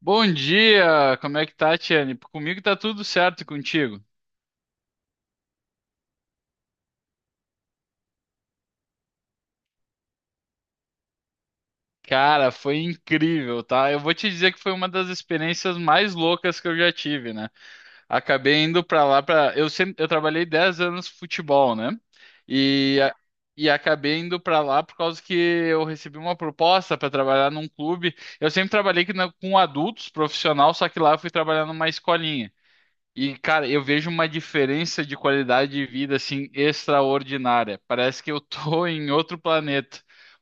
Bom dia, como é que tá, Tiane? Comigo tá tudo certo e contigo? Cara, foi incrível, tá? Eu vou te dizer que foi uma das experiências mais loucas que eu já tive, né? Acabei indo pra lá pra. Eu sempre, eu trabalhei 10 anos futebol, né? E a- e acabei indo pra lá por causa que eu recebi uma proposta pra trabalhar num clube. Eu sempre trabalhei com adultos, profissional, só que lá eu fui trabalhar numa escolinha. E, cara, eu vejo uma diferença de qualidade de vida, assim, extraordinária. Parece que eu tô em outro planeta.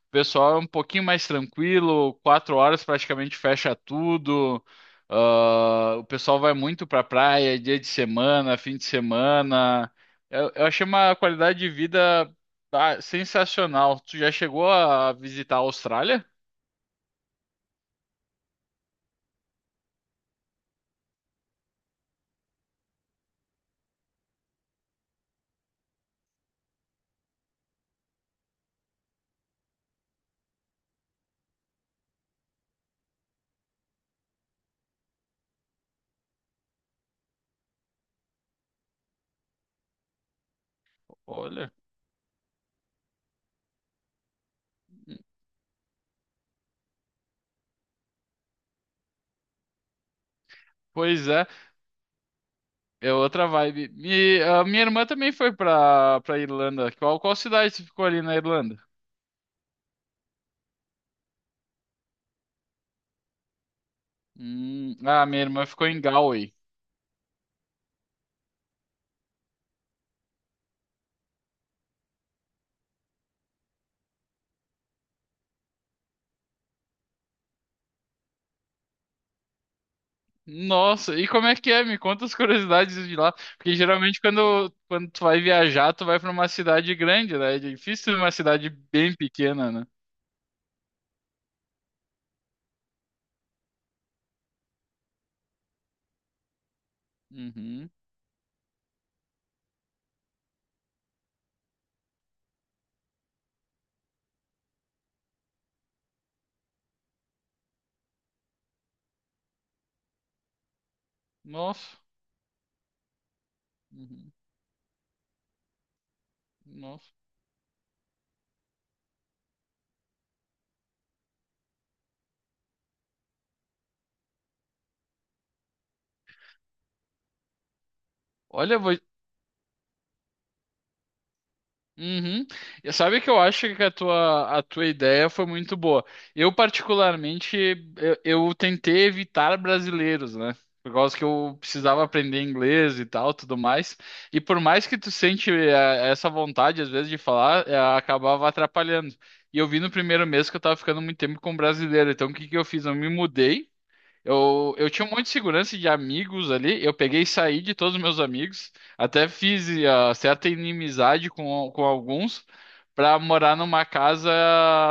O pessoal é um pouquinho mais tranquilo, 4 horas praticamente fecha tudo. Ah, o pessoal vai muito pra praia, dia de semana, fim de semana. Eu achei uma qualidade de vida, ah, sensacional. Tu já chegou a visitar a Austrália? Olha. Pois é. É outra vibe. E a minha irmã também foi pra Irlanda. Qual cidade você ficou ali na Irlanda? Ah, minha irmã ficou em Galway. Nossa, e como é que é? Me conta as curiosidades de lá. Porque geralmente quando tu vai viajar, tu vai pra uma cidade grande, né? É difícil uma cidade bem pequena, né? Uhum. Nossa. Uhum. Nossa. Olha, vou, uhum. E sabe que eu acho que a tua ideia foi muito boa. Eu, particularmente, eu, eu tentei evitar brasileiros, né? Por causa que eu precisava aprender inglês e tal, tudo mais. E por mais que tu sente essa vontade, às vezes, de falar, acabava atrapalhando. E eu vi no primeiro mês que eu tava ficando muito tempo com brasileiro. Então, o que que eu fiz? Eu me mudei. Eu tinha um monte de segurança de amigos ali. Eu peguei e saí de todos os meus amigos. Até fiz certa inimizade com alguns para morar numa casa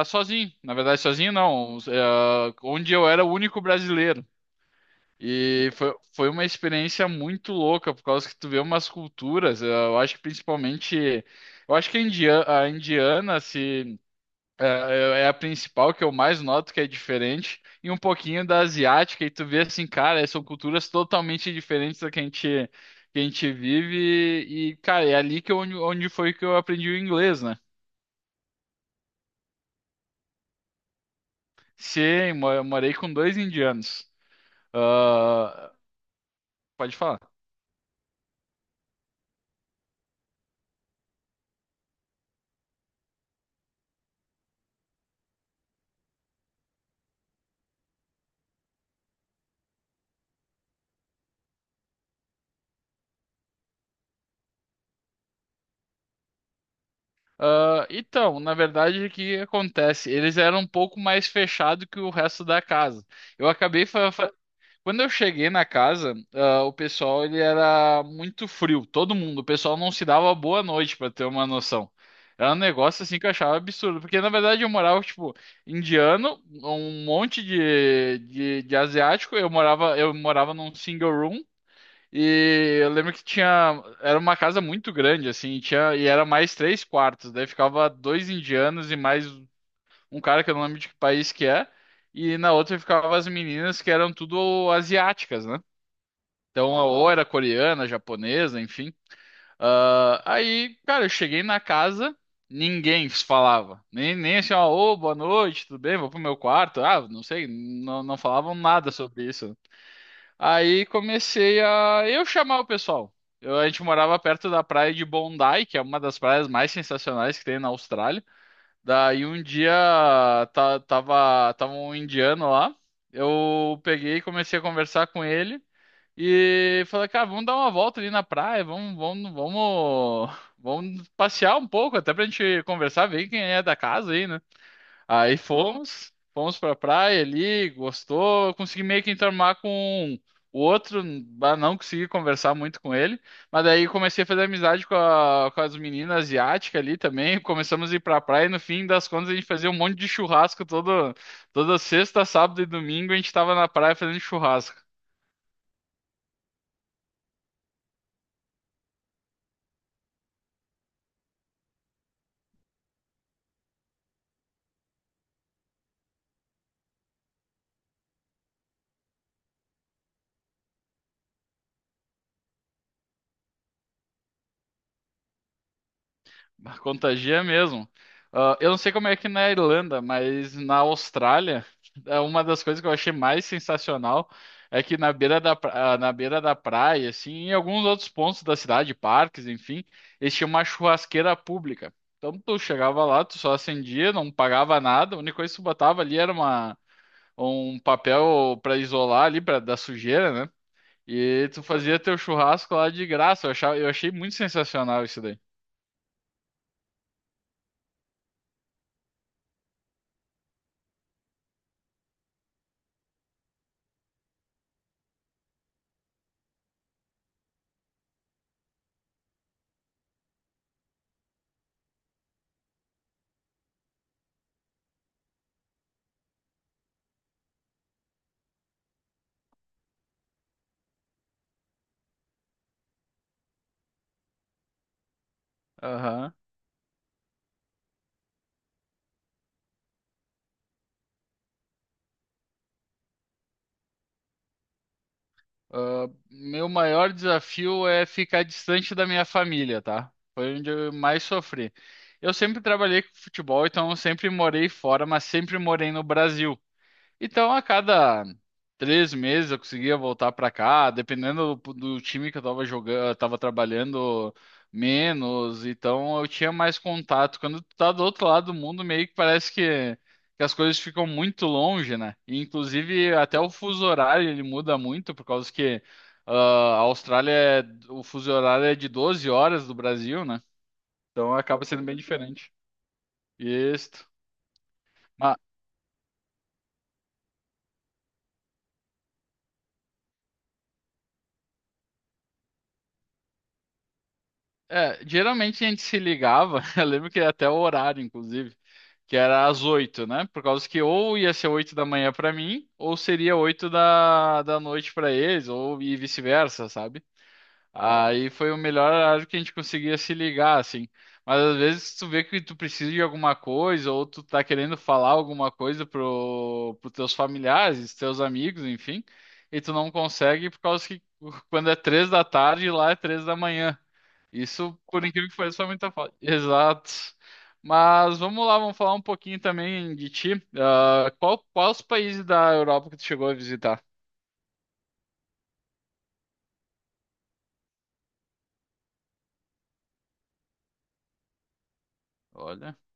sozinho. Na verdade, sozinho não. Onde eu era o único brasileiro. E foi uma experiência muito louca, por causa que tu vê umas culturas. Eu acho que principalmente. Eu acho que a indiana se. É a principal que eu mais noto que é diferente, e um pouquinho da asiática, e tu vê assim, cara, são culturas totalmente diferentes da que a gente vive, e, cara, é ali que eu, onde foi que eu aprendi o inglês, né? Sim, eu morei com dois indianos. Ah, pode falar. Ah, então, na verdade, o que acontece? Eles eram um pouco mais fechados que o resto da casa. Eu acabei Quando eu cheguei na casa, o pessoal ele era muito frio, todo mundo. O pessoal não se dava boa noite, pra ter uma noção. Era um negócio assim que eu achava absurdo, porque na verdade eu morava tipo indiano, um monte de asiático. Eu morava num single room e eu lembro que tinha era uma casa muito grande assim, e era mais três quartos. Daí ficava dois indianos e mais um cara que eu não lembro de que país que é, e na outra ficavam as meninas que eram tudo asiáticas, né? Então, ou era coreana, japonesa, enfim. Ah, aí, cara, eu cheguei na casa, ninguém falava. Nem assim, ó, ô, boa noite, tudo bem? Vou pro meu quarto. Ah, não sei, não falavam nada sobre isso. Aí comecei a eu chamar o pessoal. Eu, a gente morava perto da praia de Bondi, que é uma das praias mais sensacionais que tem na Austrália. Daí um dia tava um indiano lá, eu peguei e comecei a conversar com ele e falei, cara, vamos dar uma volta ali na praia, vamos, vamos, vamos, vamos passear um pouco, até pra gente conversar, ver quem é da casa aí, né? Aí fomos pra praia ali, gostou. Eu consegui meio que enturmar com o outro, bah, não consegui conversar muito com ele. Mas daí comecei a fazer amizade com as meninas asiáticas ali também. Começamos a ir pra praia e no fim das contas a gente fazia um monte de churrasco toda sexta, sábado e domingo a gente tava na praia fazendo churrasco. Bah, contagia mesmo. Ah, eu não sei como é que na Irlanda, mas na Austrália, é uma das coisas que eu achei mais sensacional é que na beira na beira da praia, assim, em alguns outros pontos da cidade, parques, enfim, eles tinham uma churrasqueira pública. Então tu chegava lá, tu só acendia, não pagava nada, a única coisa que tu botava ali era uma, um papel para isolar ali pra, da sujeira, né? E tu fazia teu churrasco lá de graça. Eu achei muito sensacional isso daí. Ah, meu maior desafio é ficar distante da minha família, tá? Foi onde eu mais sofri. Eu sempre trabalhei com futebol, então eu sempre morei fora, mas sempre morei no Brasil. Então, a cada 3 meses eu conseguia voltar pra cá, dependendo do time que eu tava jogando, eu tava trabalhando menos, então eu tinha mais contato. Quando tu tá do outro lado do mundo, meio que parece que as coisas ficam muito longe, né? E, inclusive, até o fuso horário ele muda muito, por causa que ah, a Austrália, é- o fuso horário é de 12 horas do Brasil, né? Então acaba sendo bem diferente. Isso. É, geralmente a gente se ligava, eu lembro que até o horário, inclusive, que era às 8, né? Por causa que ou ia ser 8 da manhã pra mim, ou seria oito da noite pra eles, ou e vice-versa, sabe? Aí foi o melhor horário que a gente conseguia se ligar, assim. Mas às vezes tu vê que tu precisa de alguma coisa, ou tu tá querendo falar alguma coisa pros teus familiares, teus amigos, enfim, e tu não consegue por causa que quando é 3 da tarde, lá é 3 da manhã. Isso, por incrível que pareça, foi muita falta. Exato. Mas vamos lá, vamos falar um pouquinho também de ti. Ah, quais países da Europa que tu chegou a visitar? Olha, o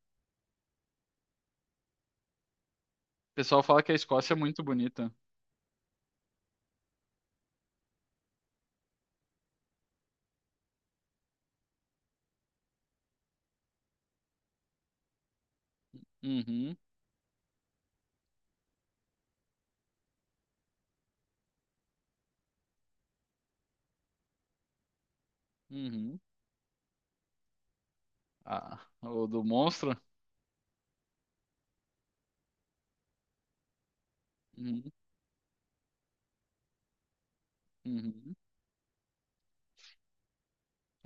pessoal fala que a Escócia é muito bonita. Uhum, uhum. Ah, o do monstro? Uhum, uhum.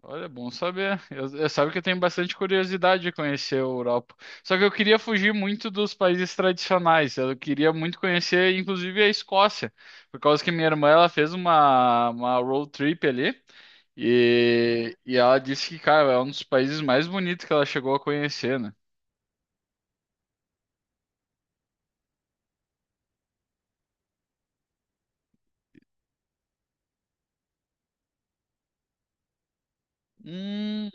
Olha, é bom saber. Eu sabe que eu tenho bastante curiosidade de conhecer a Europa. Só que eu queria fugir muito dos países tradicionais. Eu queria muito conhecer, inclusive, a Escócia, por causa que minha irmã ela fez uma road trip ali e ela disse que, cara, é um dos países mais bonitos que ela chegou a conhecer, né? Hum,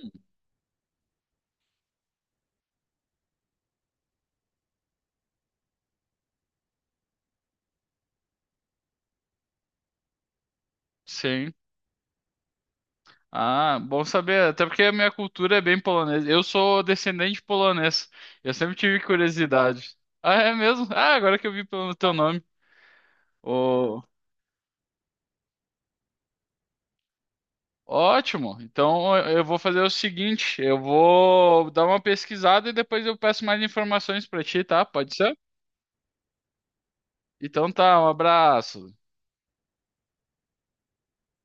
sim. Ah, bom saber. Até porque a minha cultura é bem polonesa. Eu sou descendente polonês. Eu sempre tive curiosidade. Ah, é mesmo? Ah, agora que eu vi pelo teu nome. Ô, ótimo. Então eu vou fazer o seguinte, eu vou dar uma pesquisada e depois eu peço mais informações para ti, tá? Pode ser? Então tá, um abraço.